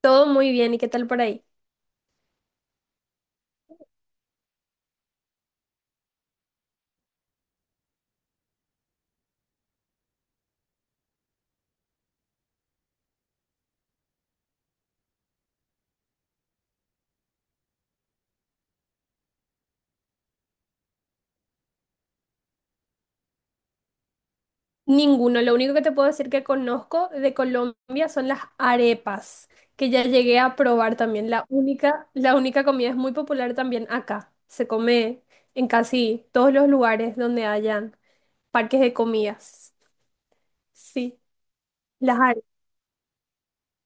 Todo muy bien, ¿y qué tal por ahí? Ninguno, lo único que te puedo decir que conozco de Colombia son las arepas, que ya llegué a probar también. La única comida es muy popular también acá. Se come en casi todos los lugares donde hayan parques de comidas. Sí, las arepas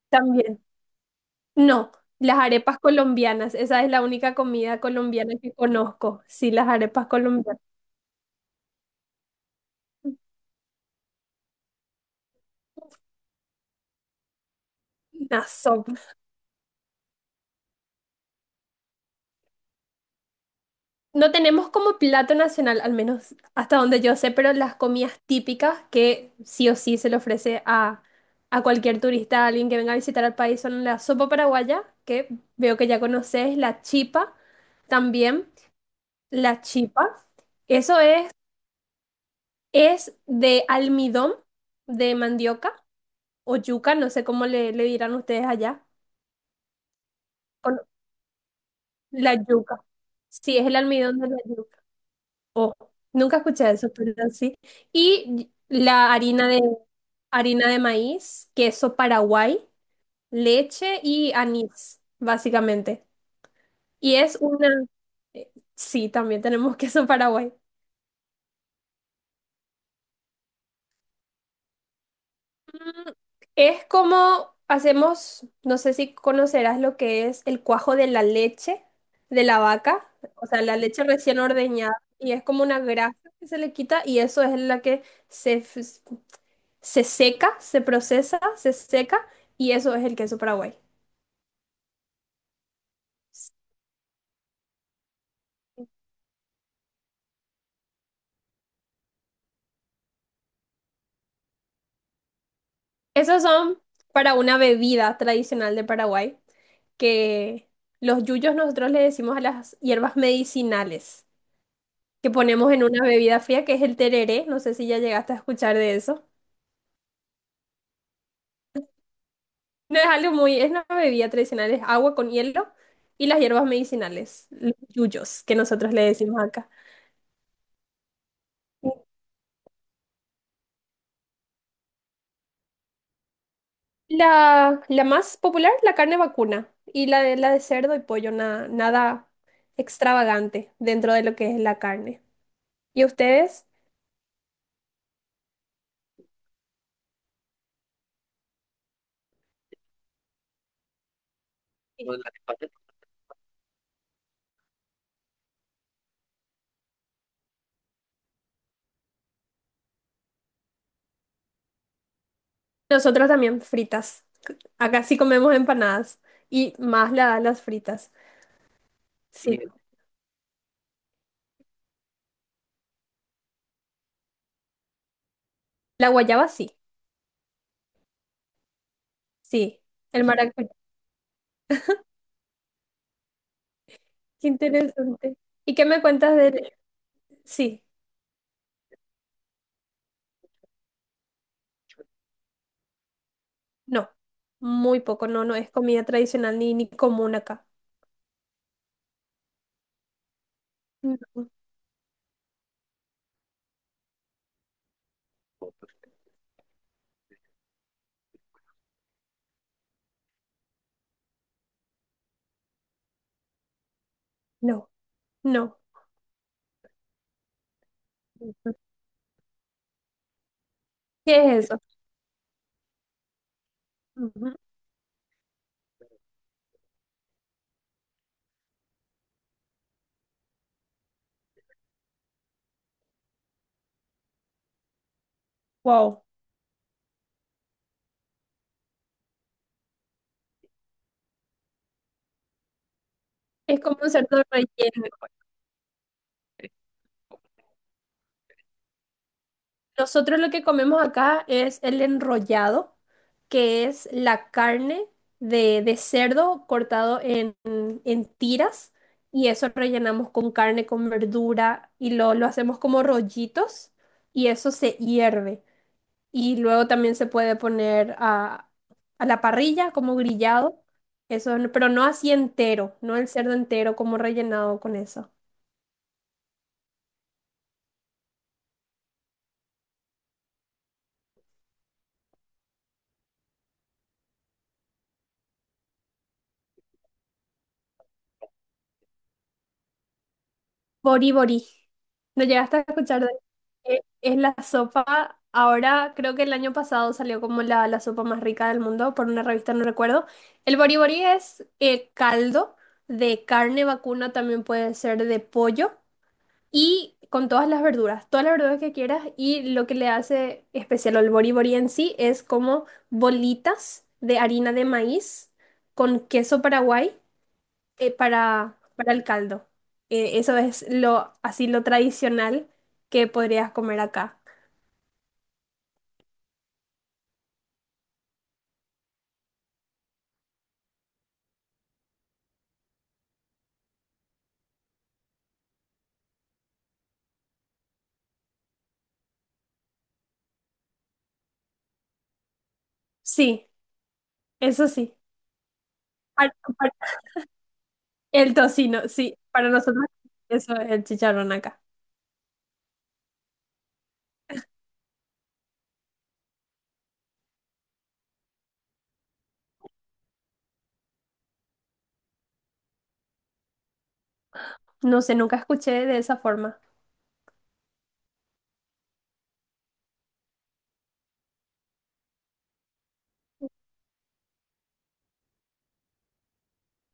también. No, las arepas colombianas, esa es la única comida colombiana que conozco. Sí, las arepas colombianas. No tenemos como plato nacional, al menos hasta donde yo sé, pero las comidas típicas que sí o sí se le ofrece a cualquier turista, a alguien que venga a visitar al país, son la sopa paraguaya, que veo que ya conoces, la chipa también, la chipa. Eso es de almidón de mandioca o yuca, no sé cómo le dirán ustedes allá, con la yuca. Sí, es el almidón de la yuca. Oh, nunca escuché eso, pero sí. Y la harina de maíz, queso Paraguay, leche y anís, básicamente. Y es una, sí, también tenemos queso Paraguay. Mm, Es como hacemos, no sé si conocerás lo que es el cuajo de la leche de la vaca, o sea, la leche recién ordeñada y es como una grasa que se le quita y eso es la que se se seca, se procesa, se seca y eso es el queso Paraguay. Esos son para una bebida tradicional de Paraguay, que los yuyos nosotros le decimos a las hierbas medicinales que ponemos en una bebida fría, que es el tereré, no sé si ya llegaste a escuchar de eso. No es algo muy, es una bebida tradicional, es agua con hielo y las hierbas medicinales, los yuyos que nosotros le decimos acá. La más popular, la carne vacuna. Y la de cerdo y pollo, nada extravagante dentro de lo que es la carne. ¿Y ustedes? Nosotros también fritas. Acá sí comemos empanadas. Y más las fritas. Sí. La guayaba sí. Sí. El maracuyá. Qué interesante. ¿Y qué me cuentas de...? Sí. No. Muy poco. No, no es comida tradicional ni común acá. No. No. No. ¿Qué es eso? Ujú. Wow. Es como un cerdo relleno. Nosotros lo que comemos acá es el enrollado, que es la carne de cerdo cortado en tiras y eso rellenamos con carne, con verdura y lo hacemos como rollitos y eso se hierve. Y luego también se puede poner a la parrilla como grillado, eso, pero no así entero, no el cerdo entero como rellenado con eso. Bori Bori. ¿No llegaste a escuchar de Es la sopa, ahora creo que el año pasado salió como la sopa más rica del mundo por una revista, no recuerdo. El Bori Bori es caldo de carne vacuna, también puede ser de pollo y con todas las verduras que quieras y lo que le hace especial al Bori Bori en sí es como bolitas de harina de maíz con queso paraguay para el caldo. Eso es lo, así lo tradicional que podrías comer acá. Sí, eso sí. Par- par- el tocino, sí, para nosotros eso es el chicharrón acá. No sé, nunca escuché de esa forma.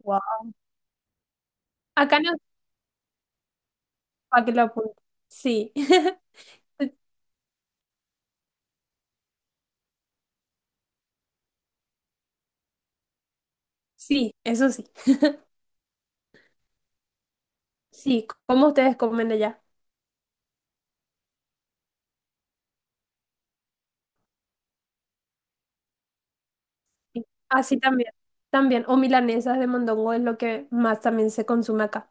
Wow. Acá no, para que lo apunte. Sí, sí, eso sí. Sí, como ustedes comen allá. Sí. Así también. También, o milanesas de mondongo es lo que más también se consume acá.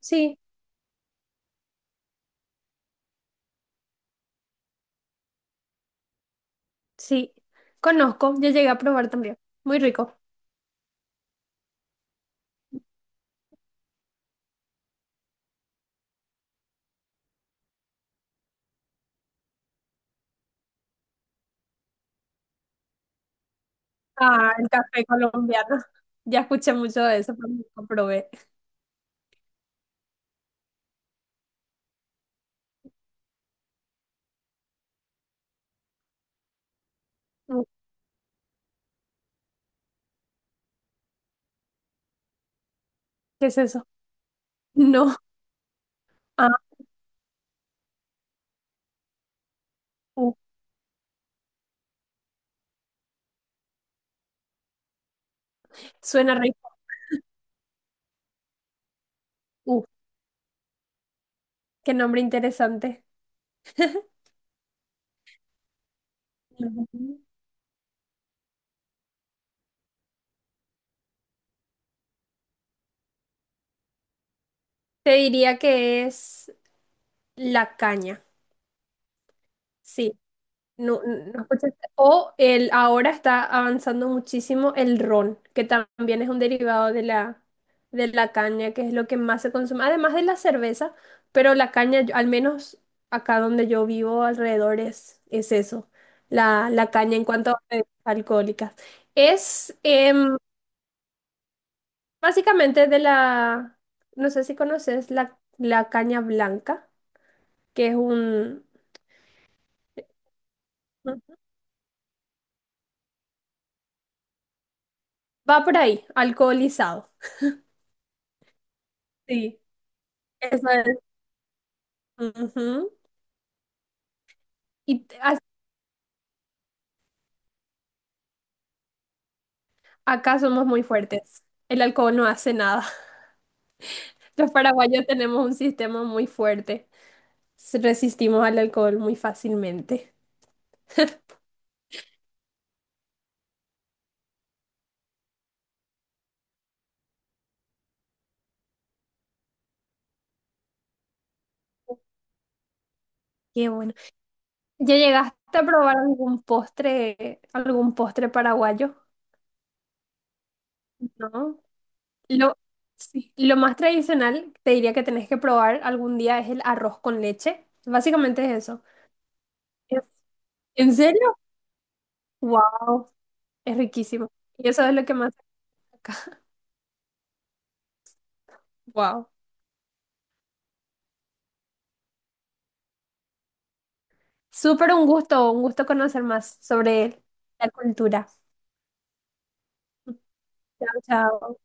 Sí, sí, conozco, ya llegué a probar también. Muy rico. Ah, el café colombiano. Ya escuché mucho de eso, pero nunca probé. Mm, ¿qué es eso? No. Ah, uh, suena rico. Uh, qué nombre interesante. Ujú. Te diría que es la caña. Sí, no, no escuchaste. O el, ahora está avanzando muchísimo el ron, que también es un derivado de de la caña, que es lo que más se consume, además de la cerveza, pero la caña, al menos acá donde yo vivo alrededor es eso, la caña en cuanto a bebidas alcohólicas. Es básicamente de la, no sé si conoces la caña blanca, que es un, va por ahí, alcoholizado. Sí. Eso es. Ujú. Y t- a- acá somos muy fuertes. El alcohol no hace nada. Los paraguayos tenemos un sistema muy fuerte. Resistimos al alcohol muy fácilmente. Qué bueno. ¿Ya llegaste a probar algún postre paraguayo? No. Lo, sí. Lo más tradicional, te diría que tenés que probar algún día es el arroz con leche. Básicamente es eso. ¿En en serio? Wow, es riquísimo. Y eso es lo que más acá. Wow. Súper un gusto conocer más sobre la cultura. Chao, chao.